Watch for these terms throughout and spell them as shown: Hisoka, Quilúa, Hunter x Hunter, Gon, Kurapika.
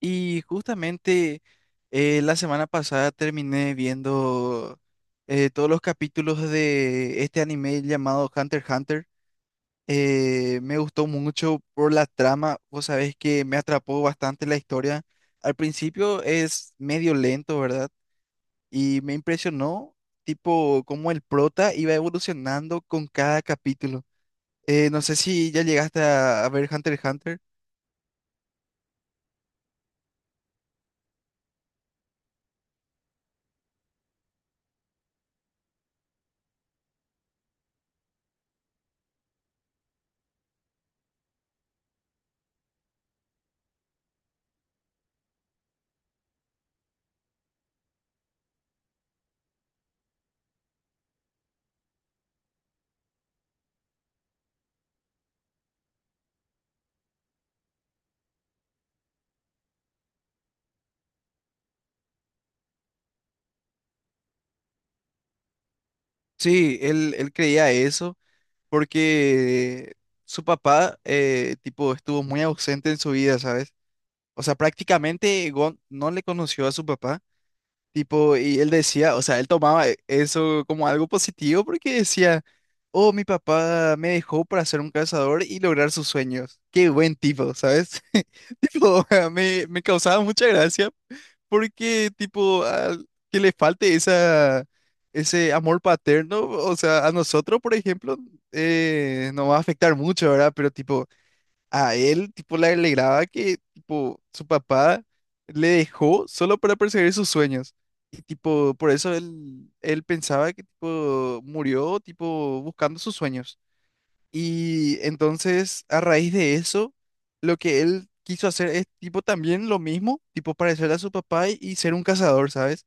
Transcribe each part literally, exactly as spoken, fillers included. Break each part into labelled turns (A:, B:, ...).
A: Y justamente eh, la semana pasada terminé viendo eh, todos los capítulos de este anime llamado Hunter x Hunter. Eh, me gustó mucho por la trama, vos sabés que me atrapó bastante la historia. Al principio es medio lento, ¿verdad? Y me impresionó, tipo, cómo el prota iba evolucionando con cada capítulo. Eh, no sé si ya llegaste a, a ver Hunter x Hunter. Sí, él, él creía eso porque su papá, eh, tipo, estuvo muy ausente en su vida, ¿sabes? O sea, prácticamente Gon no le conoció a su papá, tipo, y él decía, o sea, él tomaba e- eso como algo positivo porque decía, oh, mi papá me dejó para ser un cazador y lograr sus sueños. Qué buen tipo, ¿sabes? Tipo, me, me causaba mucha gracia porque tipo al que le falte esa ese amor paterno, o sea, a nosotros, por ejemplo, eh, nos va a afectar mucho, ¿verdad? Pero tipo a él tipo le alegraba que tipo su papá le dejó solo para perseguir sus sueños. Y tipo, por eso él él pensaba que tipo murió tipo buscando sus sueños. Y entonces, a raíz de eso, lo que él quiso hacer es tipo también lo mismo, tipo parecer a su papá y, y ser un cazador, ¿sabes?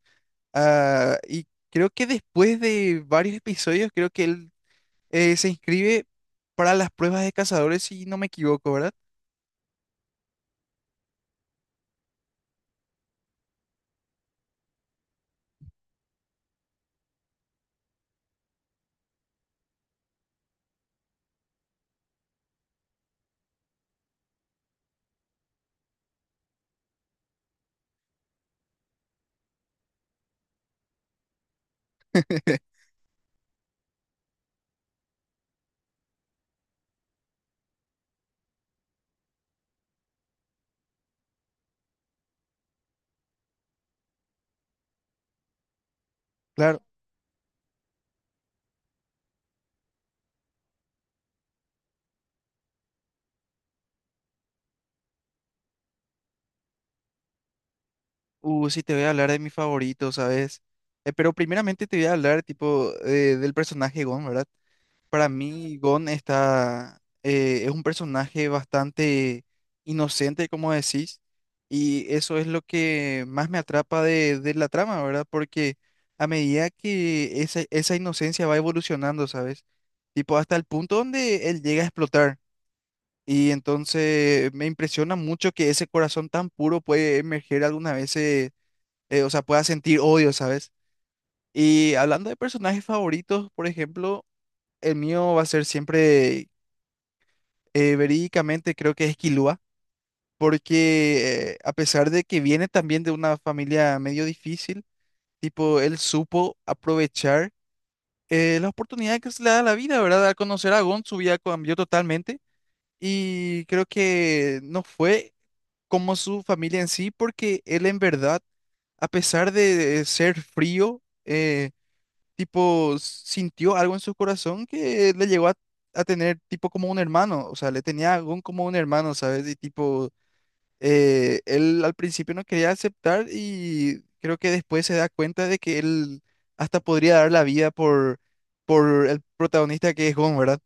A: Ah, y creo que después de varios episodios, creo que él eh, se inscribe para las pruebas de cazadores, si no me equivoco, ¿verdad? Claro, uh, sí te voy a hablar de mi favorito, ¿sabes? Eh, pero primeramente te voy a hablar tipo eh, del personaje Gon, ¿verdad? Para mí, Gon está, eh, es un personaje bastante inocente, como decís, y eso es lo que más me atrapa de, de la trama, ¿verdad? Porque a medida que esa, esa inocencia va evolucionando, ¿sabes? Tipo, hasta el punto donde él llega a explotar. Y entonces me impresiona mucho que ese corazón tan puro puede emerger algunas veces, eh, eh, o sea, pueda sentir odio, ¿sabes? Y hablando de personajes favoritos, por ejemplo, el mío va a ser siempre eh, verídicamente creo que es Quilúa, porque eh, a pesar de que viene también de una familia medio difícil, tipo, él supo aprovechar eh, la oportunidad que se le da a la vida, ¿verdad? Al conocer a Gon, su vida cambió totalmente y creo que no fue como su familia en sí, porque él en verdad, a pesar de ser frío, eh, tipo, sintió algo en su corazón que le llegó a a tener tipo como un hermano, o sea, le tenía a Gon como un hermano, ¿sabes? Y tipo, eh, él al principio no quería aceptar y creo que después se da cuenta de que él hasta podría dar la vida por, por el protagonista que es Gon, ¿verdad?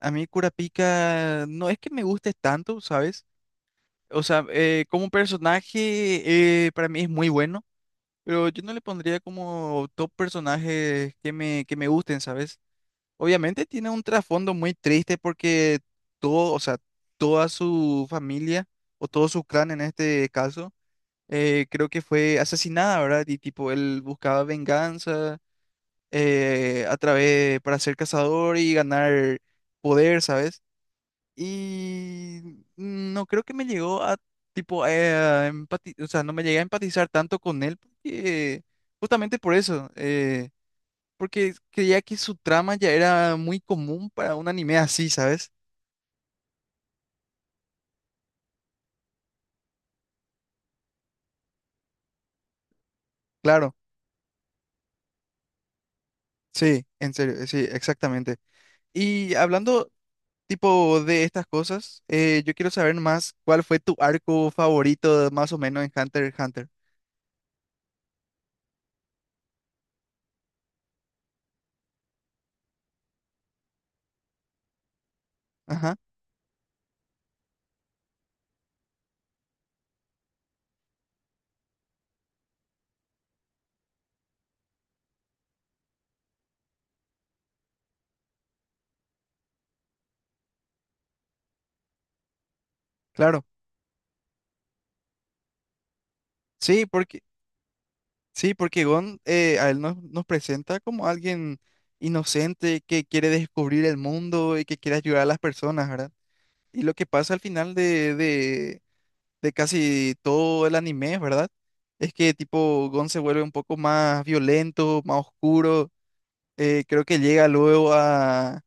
A: A mí Kurapika no es que me guste tanto, ¿sabes? O sea, eh, como personaje eh, para mí es muy bueno, pero yo no le pondría como top personajes que me, que me gusten, ¿sabes? Obviamente tiene un trasfondo muy triste porque todo, o sea, toda su familia o todo su clan en este caso eh, creo que fue asesinada, ¿verdad? Y tipo, él buscaba venganza eh, a través para ser cazador y ganar poder, ¿sabes? Y no creo que me llegó a tipo eh, a empati- o sea, no me llegué a empatizar tanto con él porque justamente por eso, eh, porque creía que su trama ya era muy común para un anime así, ¿sabes? Claro, sí, en serio, sí, exactamente. Y hablando tipo de estas cosas, eh, yo quiero saber más cuál fue tu arco favorito más o menos en Hunter x Hunter. Ajá, claro. Sí, porque, sí, porque Gon eh, a él nos, nos presenta como alguien inocente que quiere descubrir el mundo y que quiere ayudar a las personas, ¿verdad? Y lo que pasa al final de, de, de casi todo el anime, ¿verdad? Es que tipo Gon se vuelve un poco más violento, más oscuro. Eh, creo que llega luego a,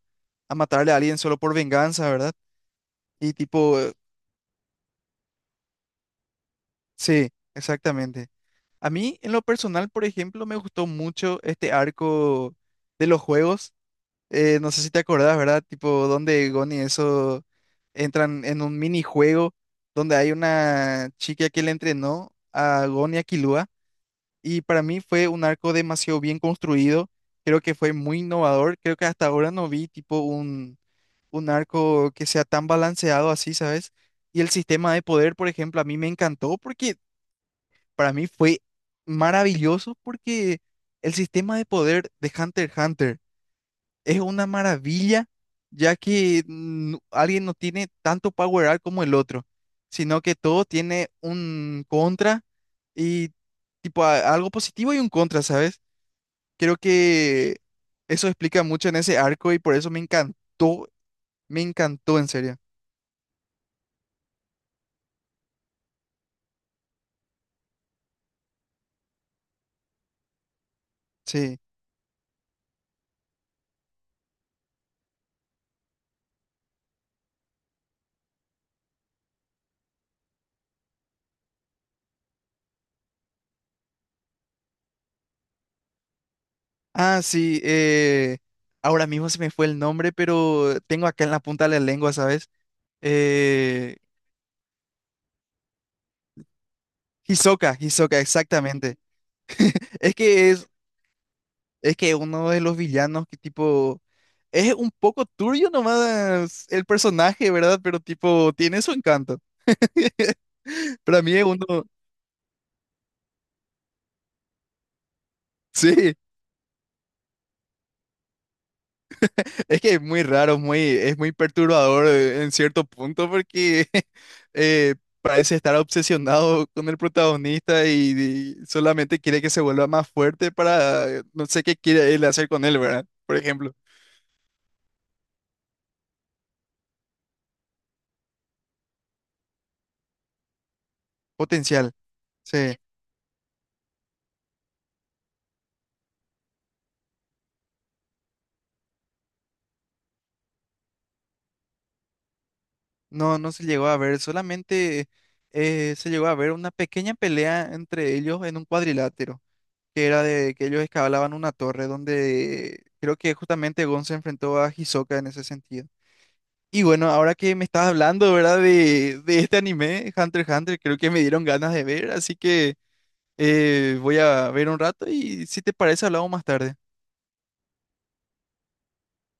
A: a matarle a alguien solo por venganza, ¿verdad? Y tipo, eh, sí, exactamente. A mí, en lo personal, por ejemplo, me gustó mucho este arco de los juegos. Eh, no sé si te acordás, ¿verdad? Tipo, donde Gon y eso entran en un minijuego donde hay una chica que le entrenó a Gon y a Killua. Y para mí fue un arco demasiado bien construido. Creo que fue muy innovador. Creo que hasta ahora no vi tipo un, un arco que sea tan balanceado así, ¿sabes? Y el sistema de poder, por ejemplo, a mí me encantó porque para mí fue maravilloso porque el sistema de poder de Hunter x Hunter es una maravilla, ya que mm, alguien no tiene tanto power up como el otro, sino que todo tiene un contra y tipo a- algo positivo y un contra, ¿sabes? Creo que eso explica mucho en ese arco y por eso me encantó, me encantó en serio. Sí. Ah, sí, eh, ahora mismo se me fue el nombre, pero tengo acá en la punta de la lengua, ¿sabes? Eh, Hisoka, Hisoka, exactamente. Es que es, es que uno de los villanos que tipo es un poco turbio nomás el personaje, ¿verdad? Pero tipo tiene su encanto. Para mí es uno, sí, es que es muy raro, muy, es muy perturbador eh, en cierto punto porque eh, parece estar obsesionado con el protagonista y, y solamente quiere que se vuelva más fuerte para eh, no sé qué quiere él hacer con él, ¿verdad? Por ejemplo, potencial. Sí, no, no se llegó a ver, solamente eh, se llegó a ver una pequeña pelea entre ellos en un cuadrilátero, que era de que ellos escalaban una torre donde creo que justamente Gon se enfrentó a Hisoka en ese sentido. Y bueno, ahora que me estás hablando, ¿verdad? De, de este anime, Hunter x Hunter, creo que me dieron ganas de ver, así que eh, voy a ver un rato y si te parece hablamos más tarde.